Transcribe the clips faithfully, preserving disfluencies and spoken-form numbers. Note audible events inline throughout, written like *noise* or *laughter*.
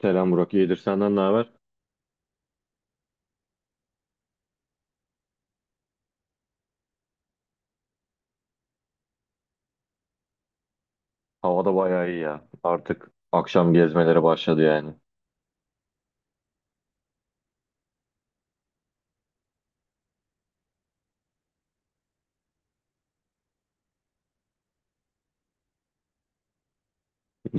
Selam Burak. İyidir senden ne haber? Havada bayağı iyi ya. Artık akşam gezmelere başladı yani.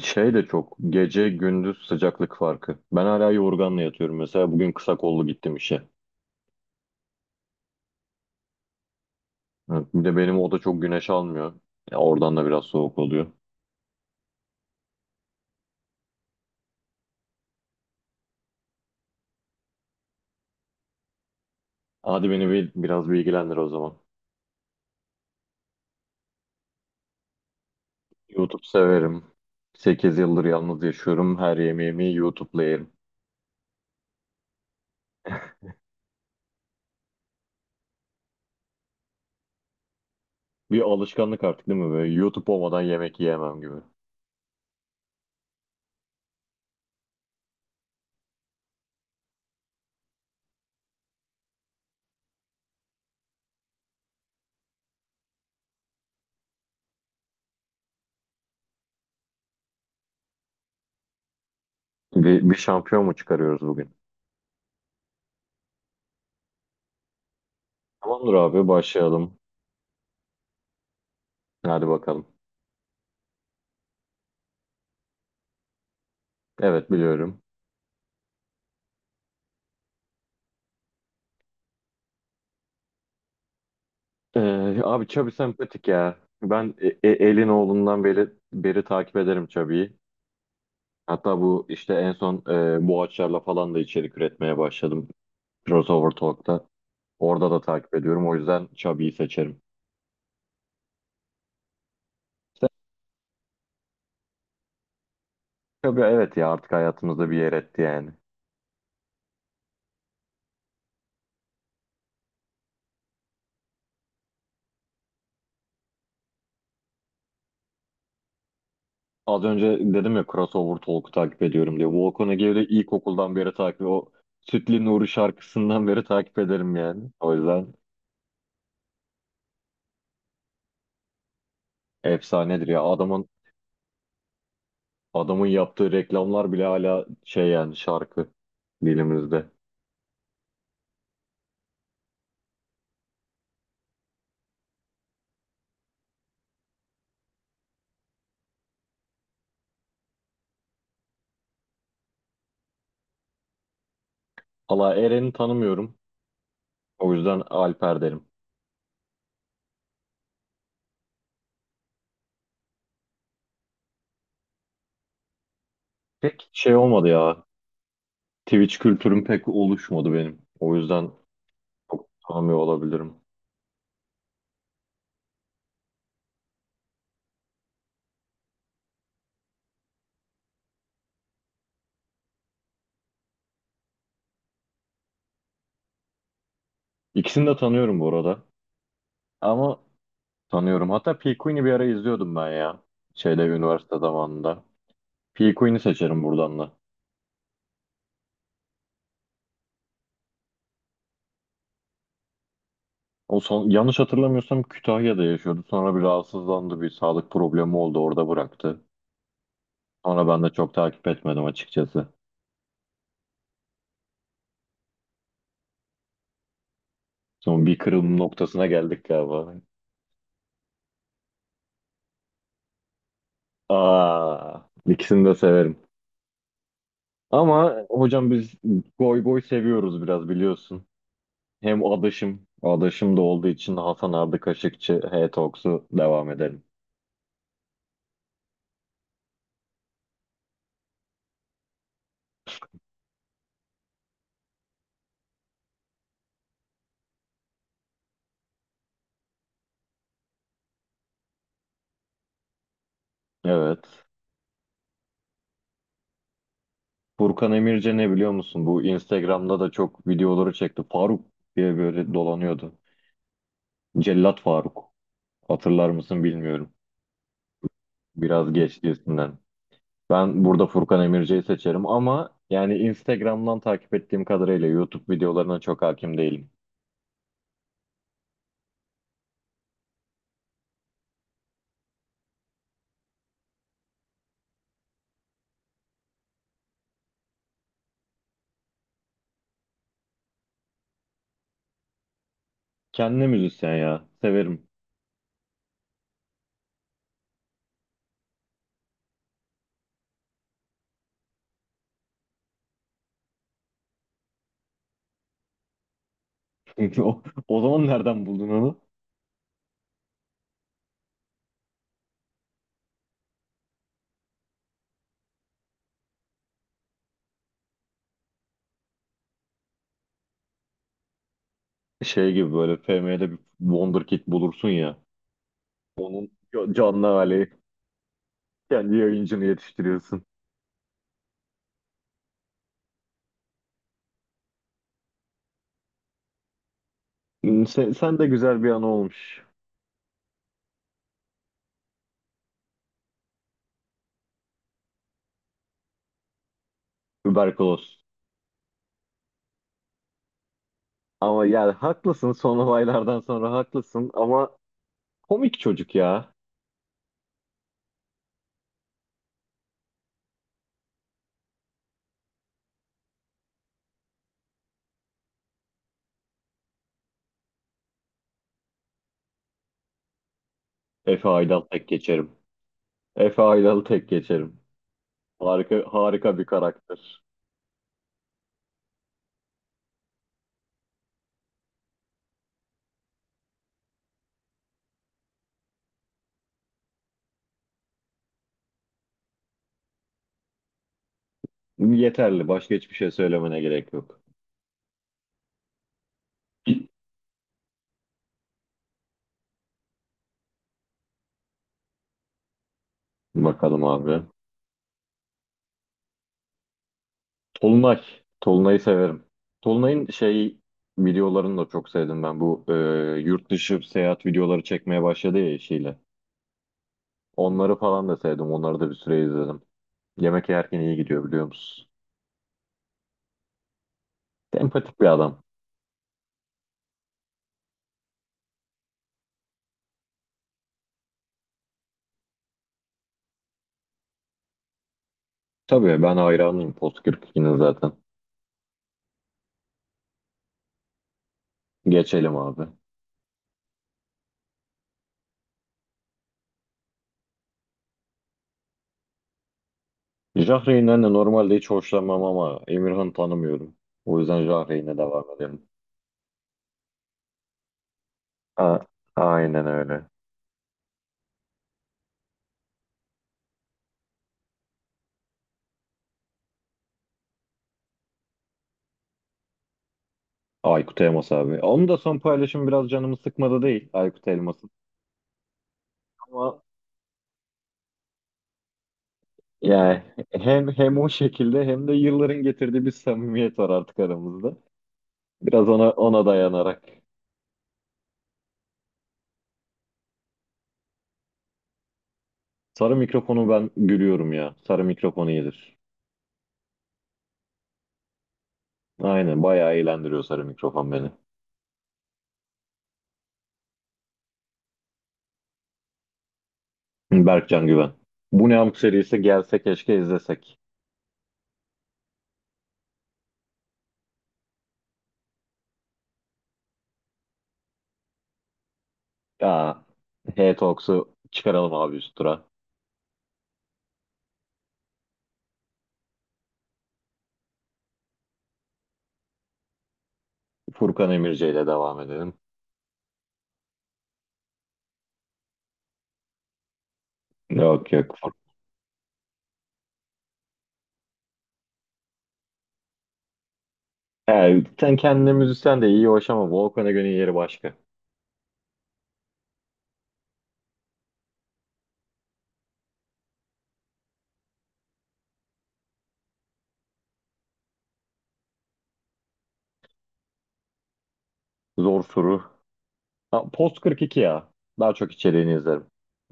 Şey de çok. Gece gündüz sıcaklık farkı. Ben hala yorganla yatıyorum. Mesela bugün kısa kollu gittim işe. Evet, bir de benim oda çok güneş almıyor. Ya oradan da biraz soğuk oluyor. Hadi beni bir, biraz bilgilendir o zaman. YouTube severim. Sekiz yıldır yalnız yaşıyorum. Her yemeğimi YouTube'la yerim. Bir alışkanlık artık değil mi böyle? YouTube olmadan yemek yiyemem gibi. Bir, bir şampiyon mu çıkarıyoruz bugün? Tamamdır abi başlayalım. Hadi bakalım. Evet biliyorum. Ee, abi Chubby sempatik ya. Ben e- e- elin oğlundan beri, beri takip ederim Chubby'yi. Hatta bu işte en son e, Boğaçlar'la falan da içerik üretmeye başladım. Crossover Talk'ta. Orada da takip ediyorum. O yüzden Chubby'yi seçerim. İşte Chubby, evet ya, artık hayatımızda bir yer etti yani. Az önce dedim ya Crossover Talk'u takip ediyorum diye. Volkan Ege'yi de ilkokuldan beri takip O Sütlü Nuri şarkısından beri takip ederim yani. O yüzden efsanedir ya. Adamın Adamın yaptığı reklamlar bile hala şey yani şarkı dilimizde. Valla Eren'i tanımıyorum. O yüzden Alper derim. Pek şey olmadı ya. Twitch kültürüm pek oluşmadı benim. O yüzden çok tanımıyor olabilirim. İkisini de tanıyorum bu arada. Ama tanıyorum. Hatta P. Queen'i bir ara izliyordum ben ya. Şeyde üniversite zamanında. P. Queen'i seçerim buradan da. O son, yanlış hatırlamıyorsam Kütahya'da yaşıyordu. Sonra bir rahatsızlandı. Bir sağlık problemi oldu. Orada bıraktı. Sonra ben de çok takip etmedim açıkçası. Son bir kırılma noktasına geldik galiba. Aa, ikisini de severim. Ama hocam biz goy goy seviyoruz biraz biliyorsun. Hem adaşım, adaşım da olduğu için Hasan Ardı Kaşıkçı, H-Talks'u devam edelim. Evet. Furkan Emirce ne biliyor musun? Bu Instagram'da da çok videoları çekti. Faruk diye böyle dolanıyordu. Cellat Faruk. Hatırlar mısın bilmiyorum. Biraz geçti üstünden. Ben burada Furkan Emirci'yi seçerim ama yani Instagram'dan takip ettiğim kadarıyla YouTube videolarına çok hakim değilim. Kendine müzisyen ya. Severim. *laughs* O, o zaman nereden buldun onu? Şey gibi böyle F M'de bir Wonderkid bulursun ya. Onun canlı hali. Kendi yayıncını yetiştiriyorsun. Hmm, Sen, sen de güzel bir an olmuş. Überkoloz. Ama yani haklısın son olaylardan sonra haklısın ama komik çocuk ya. Efe Aydal tek geçerim. Efe Aydal'ı tek geçerim. Harika harika bir karakter. Yeterli. Başka hiçbir şey söylemene gerek yok. Bakalım abi. Tolunay. Tolunay'ı severim. Tolunay'ın şey videolarını da çok sevdim ben. Bu e, yurt dışı seyahat videoları çekmeye başladı ya eşiyle. Onları falan da sevdim. Onları da bir süre izledim. Yemek yerken iyi gidiyor biliyor musun? Empatik bir adam. Tabii ben hayranıyım Post kırk ikinin zaten. Geçelim abi. Jahreyn'den de normalde hiç hoşlanmam ama Emirhan'ı tanımıyorum. O yüzden Jahreyn'e devam edelim. A- aynen öyle. Aykut Elmas abi. Onun da son paylaşımı biraz canımı sıkmadı değil Aykut Elmas'ın. Ama yani hem hem o şekilde hem de yılların getirdiği bir samimiyet var artık aramızda. Biraz ona ona dayanarak. Sarı mikrofonu ben gülüyorum ya. Sarı mikrofonu iyidir. Aynen bayağı eğlendiriyor sarı mikrofon beni. Berkcan Güven. Bu ne amk serisi gelse keşke izlesek. Ya H-Talks'u çıkaralım abi üst tura. Furkan Emirce ile devam edelim. Yok yok. He, sen kendine müzisyen de iyi hoş ama Volkan'a göre yeri başka. Zor soru. Ha, Post kırk iki ya. Daha çok içeriğini izlerim.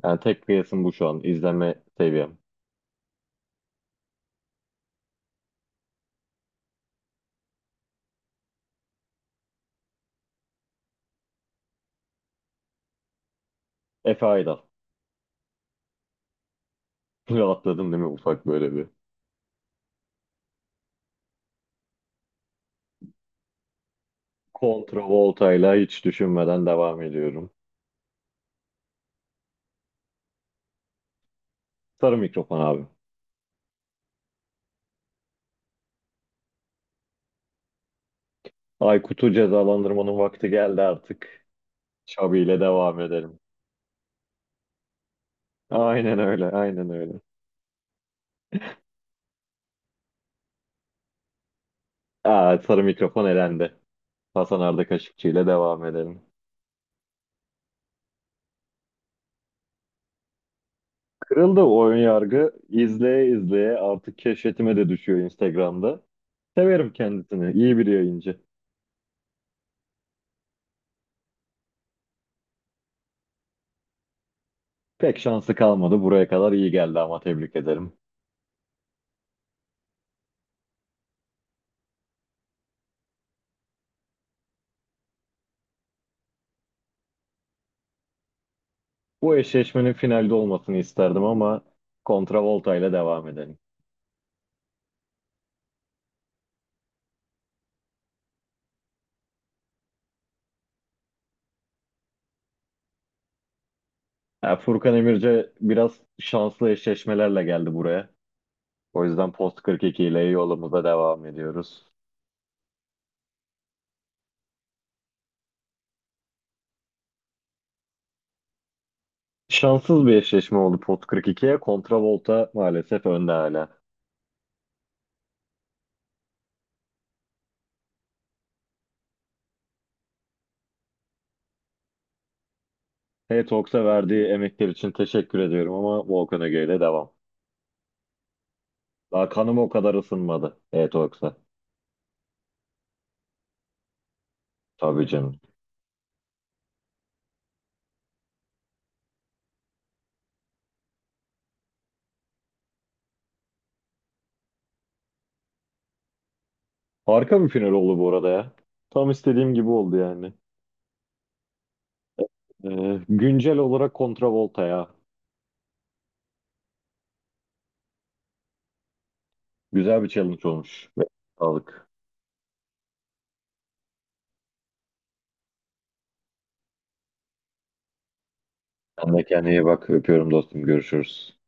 Yani tek kıyasım bu şu an. İzleme seviyem. Efe Aydal. *laughs* Rahatladım değil mi ufak böyle bir. Kontravolta'yla hiç düşünmeden devam ediyorum. Sarı mikrofon abi. Aykut'u cezalandırmanın vakti geldi artık. Şabi ile devam edelim. Aynen öyle, aynen öyle. Aa, sarı mikrofon elendi. Hasan Arda Kaşıkçı ile devam edelim. Kırıldı o ön yargı. İzleye izleye artık keşfetime de düşüyor Instagram'da. Severim kendisini. İyi bir yayıncı. Pek şansı kalmadı. Buraya kadar iyi geldi ama tebrik ederim. Bu eşleşmenin finalde olmasını isterdim ama kontravolta ile devam edelim. Ya Furkan Emirce biraz şanslı eşleşmelerle geldi buraya. O yüzden Post kırk iki ile yolumuza devam ediyoruz. Şanssız bir eşleşme oldu Post kırk ikiye. Kontravolta maalesef önde hala. H-Talks'a verdiği emekler için teşekkür ediyorum ama Volkan Öge ile devam. Daha kanım o kadar ısınmadı H-Talks'a. Tabii canım. Harika bir final oldu bu arada ya. Tam istediğim gibi oldu yani. Ee, güncel olarak Volta ya. Güzel bir challenge olmuş. Sağlık. Sen de kendine iyi bak. Öpüyorum dostum. Görüşürüz.